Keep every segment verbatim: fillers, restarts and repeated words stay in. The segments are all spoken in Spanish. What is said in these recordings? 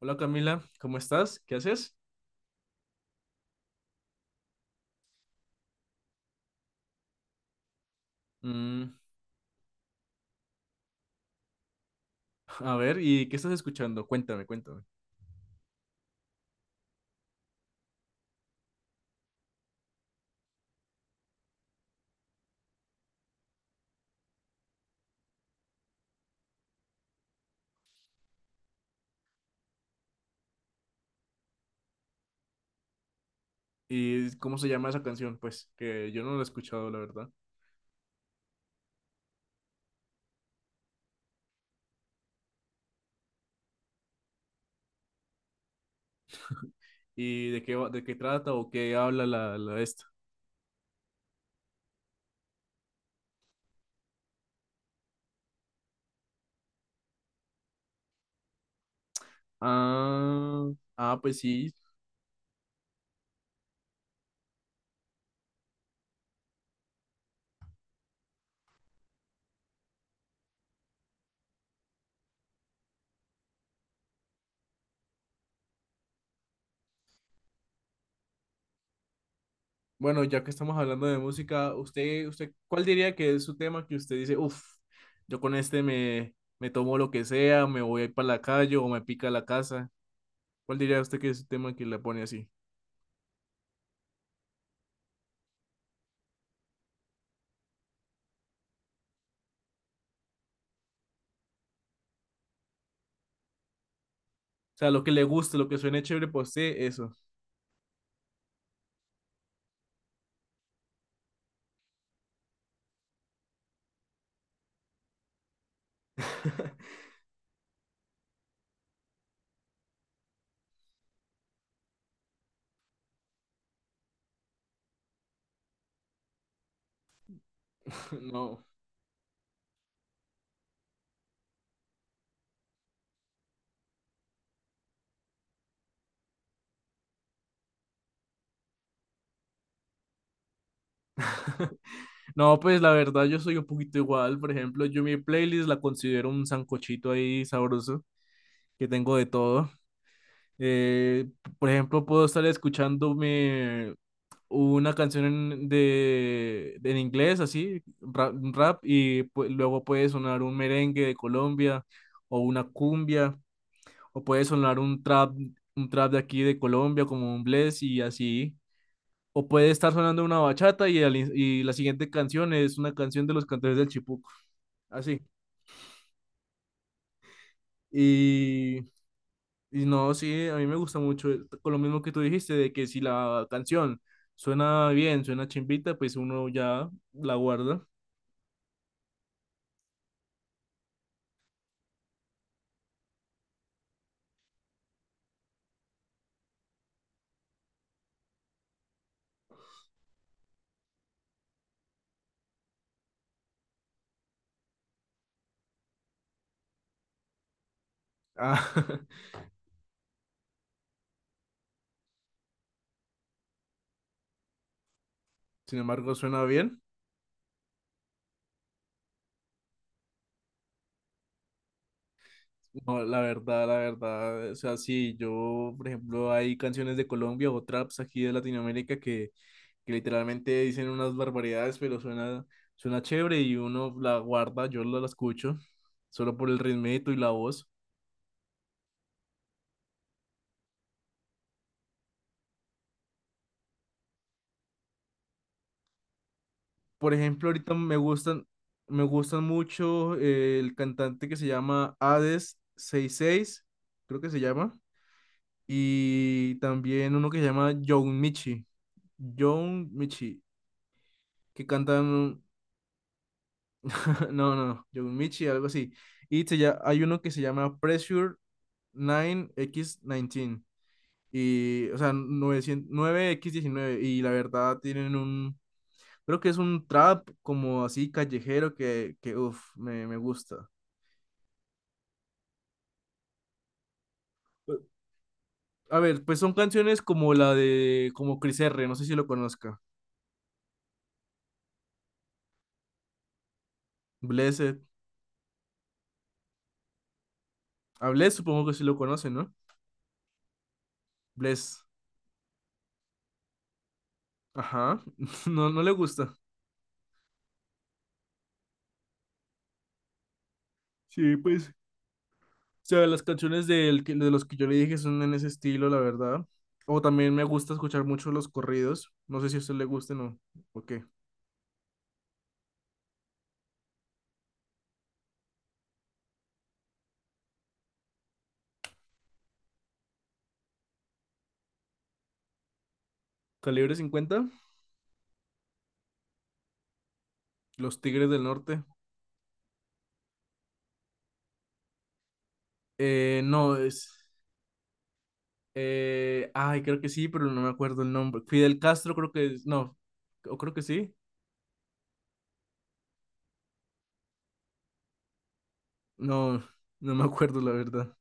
Hola Camila, ¿cómo estás? ¿Qué haces? Mm. A ver, ¿y qué estás escuchando? Cuéntame, cuéntame. ¿Y cómo se llama esa canción? Pues que yo no la he escuchado, la verdad. ¿Y de qué, va- de qué trata o qué habla la, la esta? Ah, ah, pues sí. Bueno, ya que estamos hablando de música, ¿usted, usted, cuál diría que es su tema que usted dice, uff, yo con este me, me tomo lo que sea, me voy a ir para la calle o me pica la casa? ¿Cuál diría usted que es su tema que le pone así? O sea, lo que le gusta, lo que suene chévere para usted, eso. No. No, pues la verdad yo soy un poquito igual. Por ejemplo, yo mi playlist la considero un sancochito ahí sabroso, que tengo de todo. Eh, por ejemplo, puedo estar escuchándome una canción en, de, de- en inglés, así, rap, rap, y pu- luego puede sonar un merengue de Colombia o una cumbia, o puede sonar un trap, un trap de aquí de Colombia como un bless y así. O puede estar sonando una bachata y, al in- y la siguiente canción es una canción de los cantores del Chipuco. Así. Y, y no, sí, a mí me gusta mucho. eh, Con lo mismo que tú dijiste, de que si la canción suena bien, suena chimbita, pues uno ya la guarda. Ah, sin embargo, suena bien. No, la verdad, la verdad. O sea, sí, yo, por ejemplo, hay canciones de Colombia o traps aquí de Latinoamérica que que literalmente dicen unas barbaridades, pero suena, suena chévere y uno la guarda, yo la, la escucho, solo por el ritmito y la voz. Por ejemplo, ahorita me gustan, me gustan mucho eh, el cantante que se llama Hades sesenta y seis creo que se llama, y también uno que se llama John Michi, John Michi, que cantan, no, no, John Michi, algo así. Y se lla- hay uno que se llama Pressure nueve x diecinueve. Y, o sea, novecientos nueve x diecinueve. Y la verdad tienen un. Creo que es un trap como así callejero que, que uff, me, me gusta. A ver, pues son canciones como la de. Como Chris R. No sé si lo conozca. Blessed. A Bless supongo que sí lo conocen, ¿no? Bless. Ajá. No, no le gusta. Sí, pues. O sea, las canciones del que- de los que yo le dije son en ese estilo, la verdad. O también me gusta escuchar mucho los corridos. No sé si a usted le gusten o, o qué. ¿Calibre cincuenta? Los Tigres del Norte. Eh, no, es. Eh, ay, creo que sí, pero no me acuerdo el nombre. Fidel Castro, creo que es. No, o creo que sí. No, no me acuerdo, la verdad.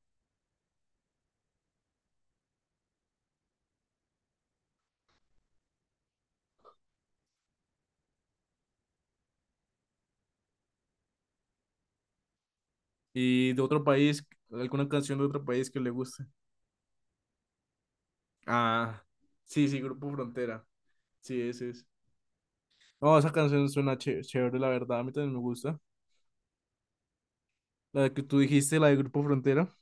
Y de otro país, alguna canción de otro país que le guste. Ah, sí, sí, Grupo Frontera. Sí, ese es. No, esa canción suena ché- chévere, la verdad. A mí también me gusta. La que tú dijiste, la de Grupo Frontera.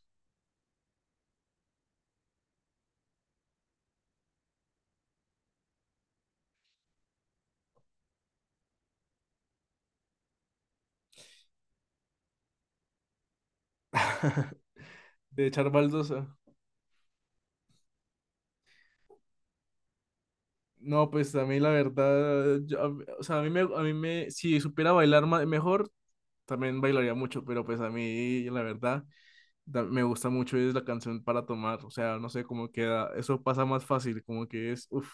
De echar baldosa. No, pues a mí la verdad, yo- a- o sea, a mí me, a mí me, si supiera bailar ma- mejor, también bailaría mucho, pero pues a mí, la verdad, da- me gusta mucho es la canción para tomar, o sea, no sé cómo queda, eso pasa más fácil, como que es, uff,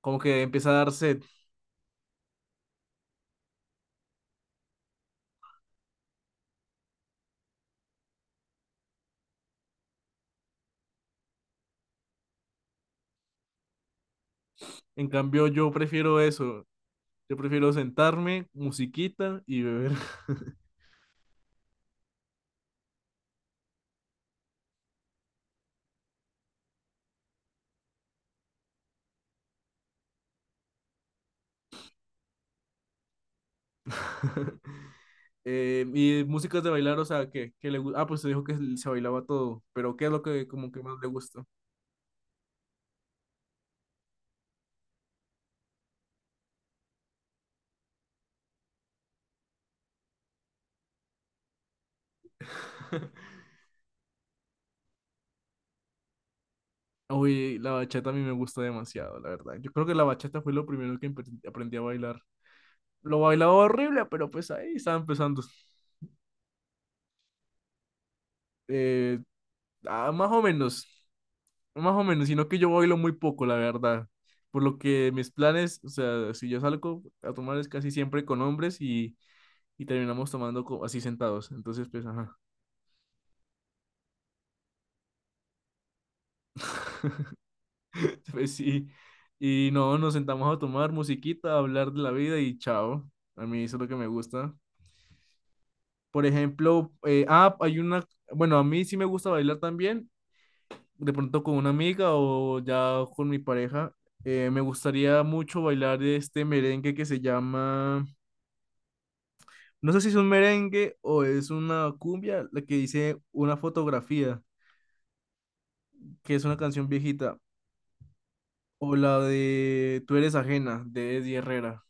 como que empieza a dar sed. En cambio, yo prefiero eso, yo prefiero sentarme, musiquita y beber. Eh, y músicas de bailar, o sea, que, que le gu- ah, pues te dijo que se bailaba todo, pero ¿qué es lo que como que más le gusta? Uy, la bachata a mí me gusta demasiado, la verdad. Yo creo que la bachata fue lo primero que empe- aprendí a bailar. Lo bailaba horrible, pero pues ahí estaba empezando. Eh, ah, más o menos, más o menos, sino que yo bailo muy poco, la verdad. Por lo que mis planes, o sea, si yo salgo a tomar es casi siempre con hombres y, y terminamos tomando co- así sentados. Entonces, pues, ajá, pues sí. Y no, nos sentamos a tomar musiquita, a hablar de la vida y chao. A mí eso es lo que me gusta. Por ejemplo, eh, ah, hay una, bueno, a mí sí me gusta bailar también de pronto con una amiga o ya con mi pareja. Eh, me gustaría mucho bailar este merengue que se llama, no sé si es un merengue o es una cumbia, la que dice una fotografía, que es una canción viejita, o la de Tú eres ajena, de Eddie Herrera.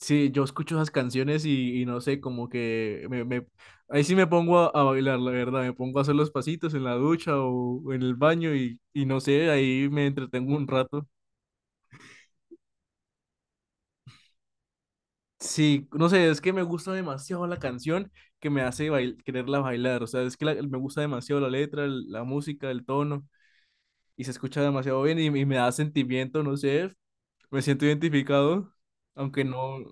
Sí, yo escucho esas canciones y, y no sé, como que me, me- ahí sí me pongo a, a bailar, la verdad, me pongo a hacer los pasitos en la ducha o en el baño y, y no sé, ahí me entretengo un rato. Sí, no sé, es que me gusta demasiado la canción que me hace bail- quererla bailar. O sea, es que la- me gusta demasiado la letra, el- la música, el tono, y se escucha demasiado bien y, y me da sentimiento, no sé, me siento identificado, aunque no,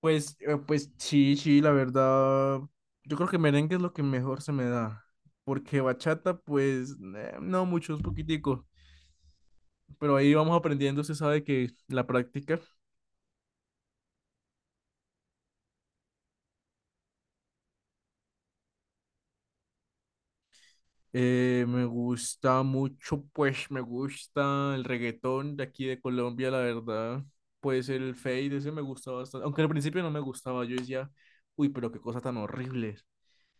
pues, eh, pues sí, sí, la verdad, yo creo que merengue es lo que mejor se me da, porque bachata, pues, eh, no mucho, es poquitico, pero ahí vamos aprendiendo, se sabe que la práctica. Eh, me gusta mucho, pues me gusta el reggaetón de aquí de Colombia, la verdad. Pues el Fade, ese me gusta bastante. Aunque al principio no me gustaba, yo decía, uy, pero qué cosa tan horrible.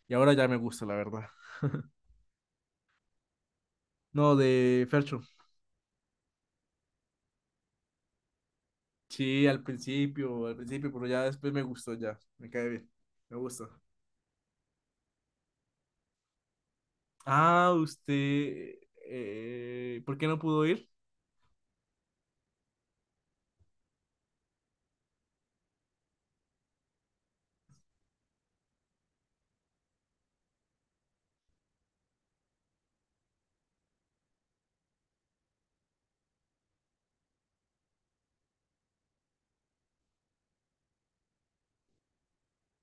Y ahora ya me gusta, la verdad. No, de Fercho. Sí, al principio, al principio, pero ya después me gustó, ya. Me cae bien. Me gusta. Ah, usted, eh, ¿por qué no pudo ir?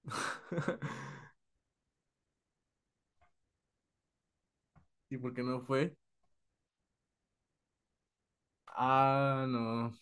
¿Y por qué no fue? Ah, no.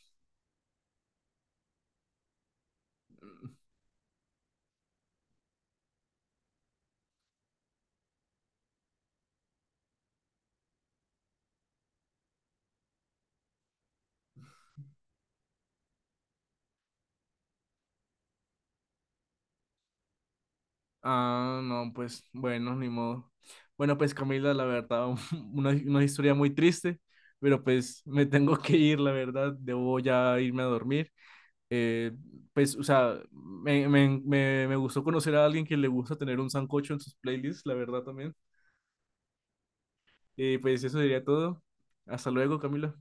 Ah, no, pues bueno, ni modo. Bueno, pues Camila, la verdad, una, una historia muy triste, pero pues me tengo que ir, la verdad, debo ya irme a dormir. Eh, pues, o sea, me, me, me, me gustó conocer a alguien que le gusta tener un sancocho en sus playlists, la verdad también. Y pues eso sería todo. Hasta luego, Camila.